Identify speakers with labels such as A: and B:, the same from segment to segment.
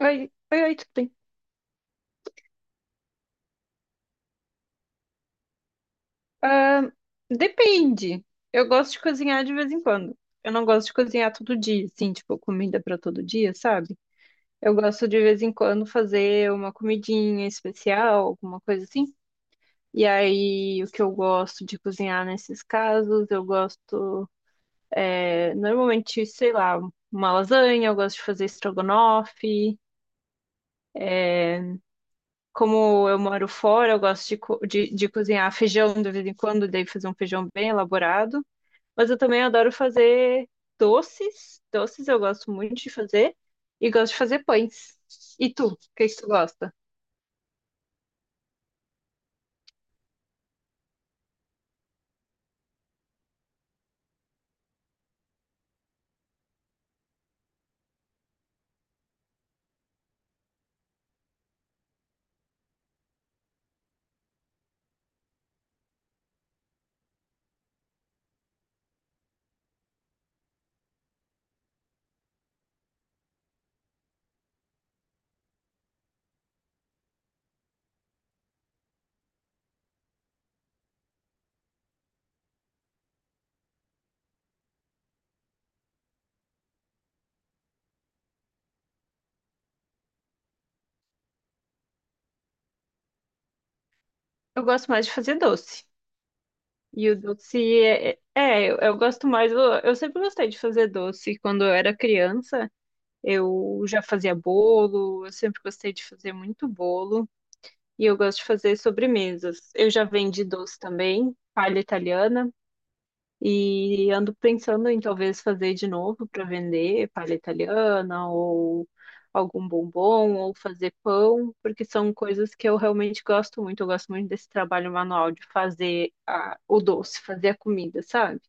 A: Oi, oi, oi, tudo bem? Ahn, Depende. Eu gosto de cozinhar de vez em quando. Eu não gosto de cozinhar todo dia, assim, tipo, comida pra todo dia, sabe? Eu gosto de vez em quando fazer uma comidinha especial, alguma coisa assim. E aí, o que eu gosto de cozinhar nesses casos, eu gosto, normalmente, sei lá, uma lasanha, eu gosto de fazer estrogonofe. Como eu moro fora, eu gosto de cozinhar feijão de vez em quando, daí fazer um feijão bem elaborado. Mas eu também adoro fazer doces. Doces eu gosto muito de fazer. E gosto de fazer pães. E tu, o que é que tu gosta? Eu gosto mais de fazer doce. E o doce eu gosto mais. Eu sempre gostei de fazer doce. Quando eu era criança, eu já fazia bolo. Eu sempre gostei de fazer muito bolo. E eu gosto de fazer sobremesas. Eu já vendi doce também, palha italiana. E ando pensando em talvez fazer de novo para vender palha italiana ou algum bombom ou fazer pão, porque são coisas que eu realmente gosto muito. Eu gosto muito desse trabalho manual de fazer o doce, fazer a comida, sabe?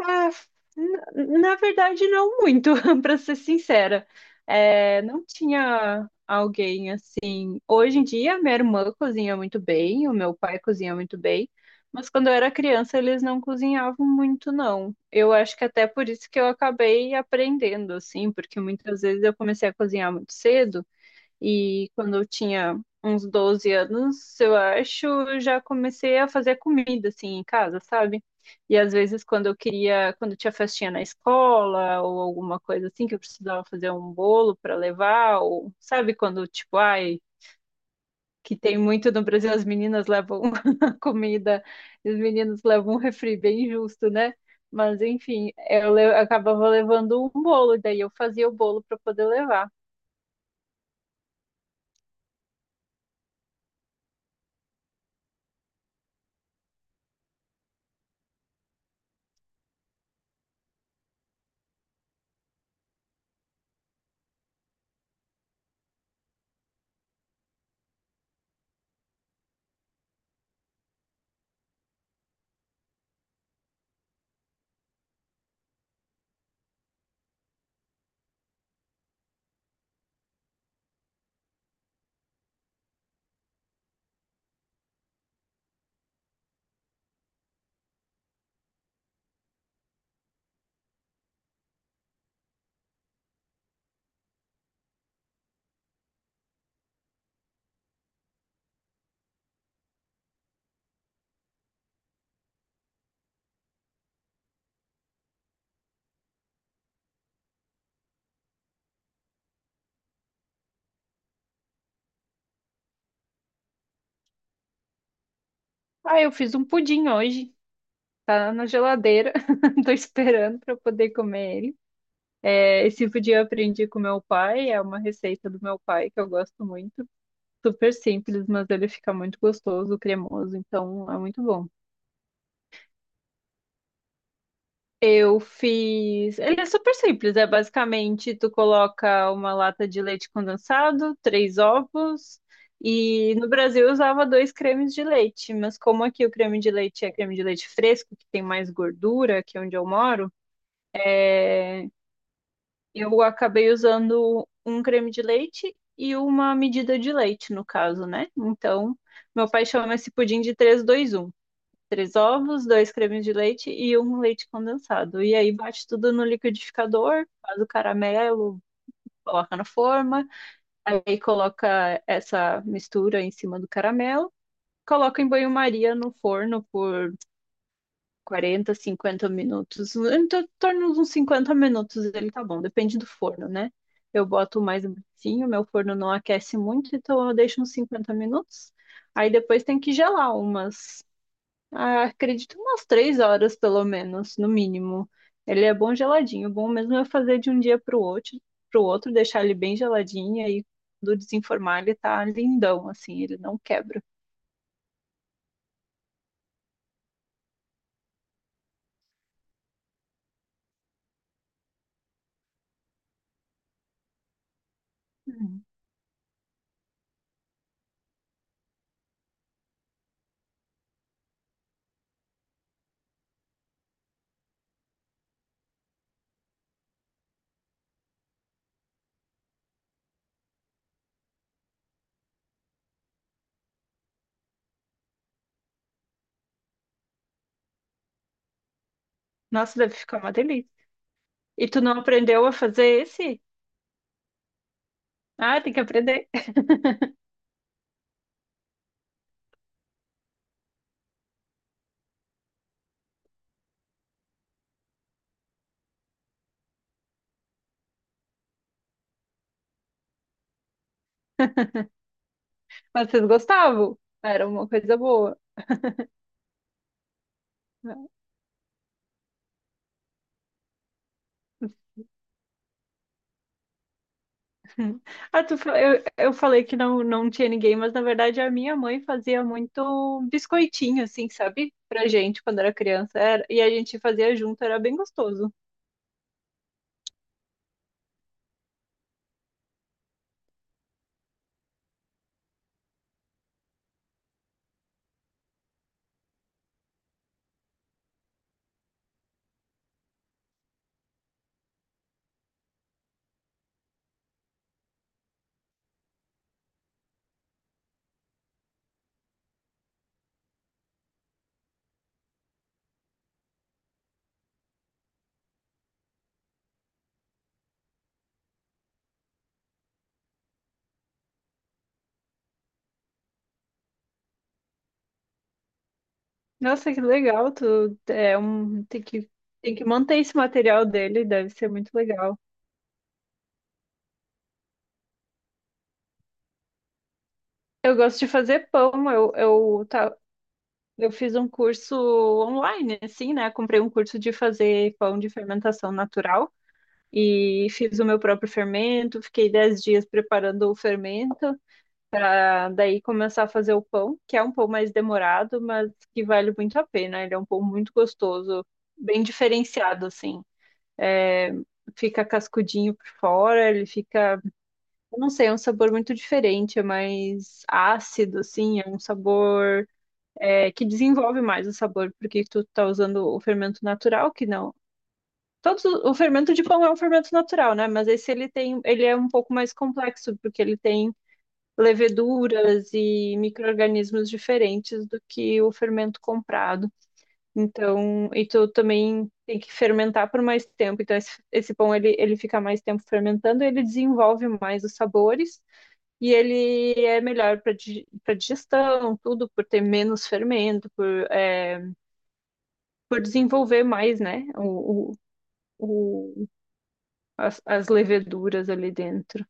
A: Ah, na verdade, não muito, para ser sincera. É, não tinha alguém assim. Hoje em dia, minha irmã cozinha muito bem, o meu pai cozinha muito bem, mas quando eu era criança, eles não cozinhavam muito, não. Eu acho que até por isso que eu acabei aprendendo, assim, porque muitas vezes eu comecei a cozinhar muito cedo. E quando eu tinha uns 12 anos, eu acho, eu já comecei a fazer comida assim em casa, sabe? E às vezes quando eu queria, quando tinha festinha na escola ou alguma coisa assim que eu precisava fazer um bolo para levar, ou sabe quando tipo, ai, que tem muito no Brasil as meninas levam a comida e os meninos levam um refri bem justo, né? Mas enfim, eu acabava levando um bolo, daí eu fazia o bolo para poder levar. Ah, eu fiz um pudim hoje. Tá na geladeira, tô esperando para poder comer ele. É, esse pudim eu aprendi com meu pai, é uma receita do meu pai que eu gosto muito. Super simples, mas ele fica muito gostoso, cremoso, então é muito bom. Eu fiz. Ele é super simples, é basicamente tu coloca uma lata de leite condensado, três ovos, e no Brasil eu usava dois cremes de leite, mas como aqui o creme de leite é creme de leite fresco, que tem mais gordura, que é onde eu moro. é, Eu acabei usando um creme de leite e uma medida de leite, no caso, né? Então, meu pai chama esse pudim de três dois um. Três ovos, dois cremes de leite e um leite condensado. E aí bate tudo no liquidificador, faz o caramelo, coloca na forma, aí coloca essa mistura em cima do caramelo, coloca em banho-maria no forno por 40, 50 minutos. Então, em torno de uns 50 minutos ele tá bom, depende do forno, né? Eu boto mais baixinho, meu forno não aquece muito, então eu deixo uns 50 minutos. Aí depois tem que gelar umas, ah, acredito, umas 3 horas pelo menos, no mínimo. Ele é bom geladinho, bom mesmo eu fazer de um dia pro outro, deixar ele bem geladinho, aí do desenformar ele tá lindão, assim, ele não quebra. Hum. Nossa, deve ficar uma delícia. E tu não aprendeu a fazer esse? Ah, tem que aprender. Mas vocês gostavam? Era uma coisa boa. Ah, tu, eu falei que não, não tinha ninguém, mas na verdade a minha mãe fazia muito biscoitinho, assim, sabe? Pra gente quando era criança. E a gente fazia junto, era bem gostoso. Nossa, que legal. Tu, é um, tem que manter esse material dele, deve ser muito legal. Eu gosto de fazer pão. Tá, eu fiz um curso online, assim, né? Comprei um curso de fazer pão de fermentação natural. E fiz o meu próprio fermento, fiquei 10 dias preparando o fermento, pra daí começar a fazer o pão, que é um pão mais demorado, mas que vale muito a pena. Ele é um pão muito gostoso, bem diferenciado, assim. É, fica cascudinho por fora, ele fica, eu não sei, é um sabor muito diferente, é mais ácido, assim, é um sabor que desenvolve mais o sabor, porque tu tá usando o fermento natural, que não. Todos, o fermento de pão é um fermento natural, né? Mas esse ele tem, ele é um pouco mais complexo, porque ele tem leveduras e micro-organismos diferentes do que o fermento comprado. Então, e tu também tem que fermentar por mais tempo. Então, esse pão ele, ele fica mais tempo fermentando, ele desenvolve mais os sabores e ele é melhor para para digestão, tudo, por ter menos fermento, por, é, por desenvolver mais, né? O as leveduras ali dentro.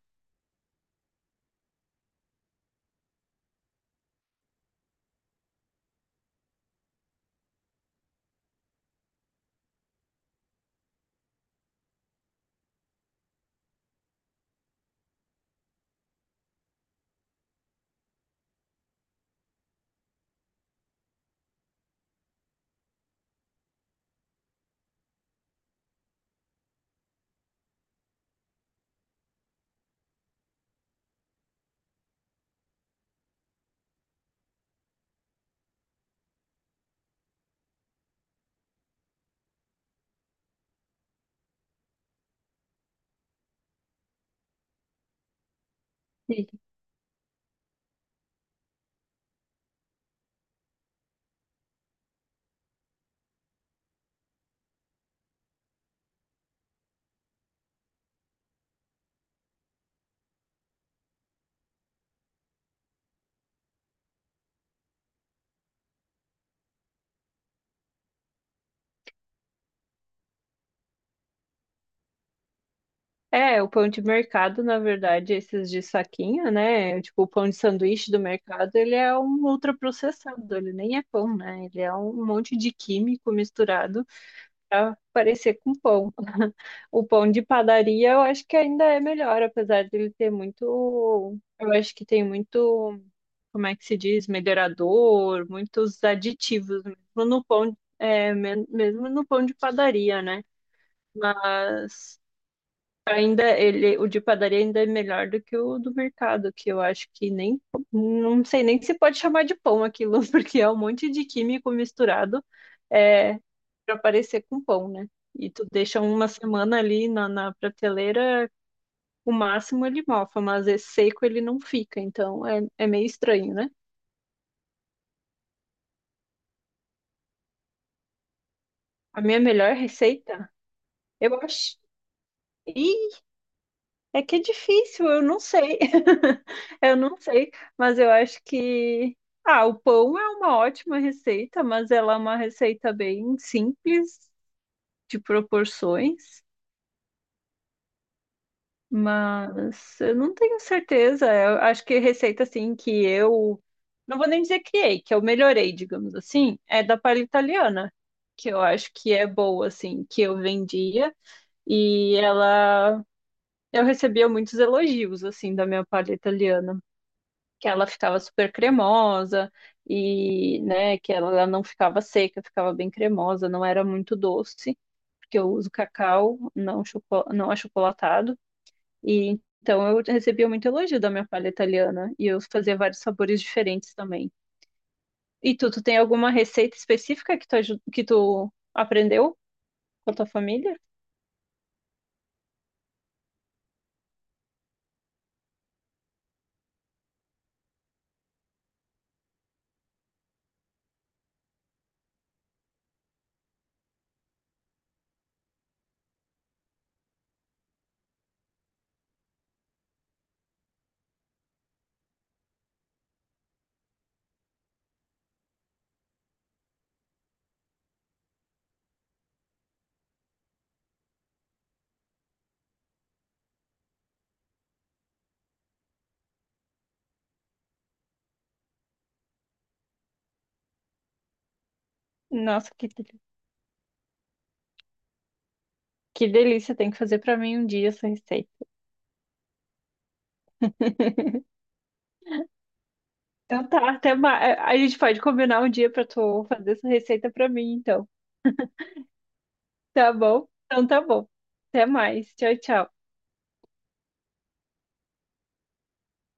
A: Sim. É, o pão de mercado, na verdade, esses de saquinho, né? Tipo, o pão de sanduíche do mercado, ele é um ultraprocessado, ele nem é pão, né? Ele é um monte de químico misturado para parecer com pão. O pão de padaria, eu acho que ainda é melhor, apesar dele ter muito, eu acho que tem muito, como é que se diz, melhorador, muitos aditivos, mesmo no pão, mesmo no pão de padaria, né? Mas ainda ele, o de padaria ainda é melhor do que o do mercado, que eu acho que nem, não sei nem se pode chamar de pão aquilo, porque é um monte de químico misturado, é, para parecer com pão, né? E tu deixa uma semana ali na prateleira, o máximo ele mofa, mas é seco ele não fica, então é, é meio estranho, né? A minha melhor receita, eu acho. É que é difícil, eu não sei. Eu não sei, mas eu acho que. Ah, o pão é uma ótima receita, mas ela é uma receita bem simples, de proporções. Mas eu não tenho certeza. Eu acho que receita assim que eu. Não vou nem dizer criei, que eu melhorei, digamos assim, é da palha italiana, que eu acho que é boa, assim, que eu vendia e ela. Eu recebia muitos elogios, assim, da minha palha italiana. Que ela ficava super cremosa e, né, que ela não ficava seca, ficava bem cremosa, não era muito doce, porque eu uso cacau, não, choco- não achocolatado. E então eu recebia muito elogio da minha palha italiana e eu fazia vários sabores diferentes também. E tu, tu tem alguma receita específica que tu, que tu aprendeu com a tua família? Nossa, que delícia, tem que fazer pra mim um dia essa receita. Então tá, até mais. A gente pode combinar um dia pra tu fazer essa receita pra mim, então. Tá bom? Então tá bom. Até mais. Tchau, tchau.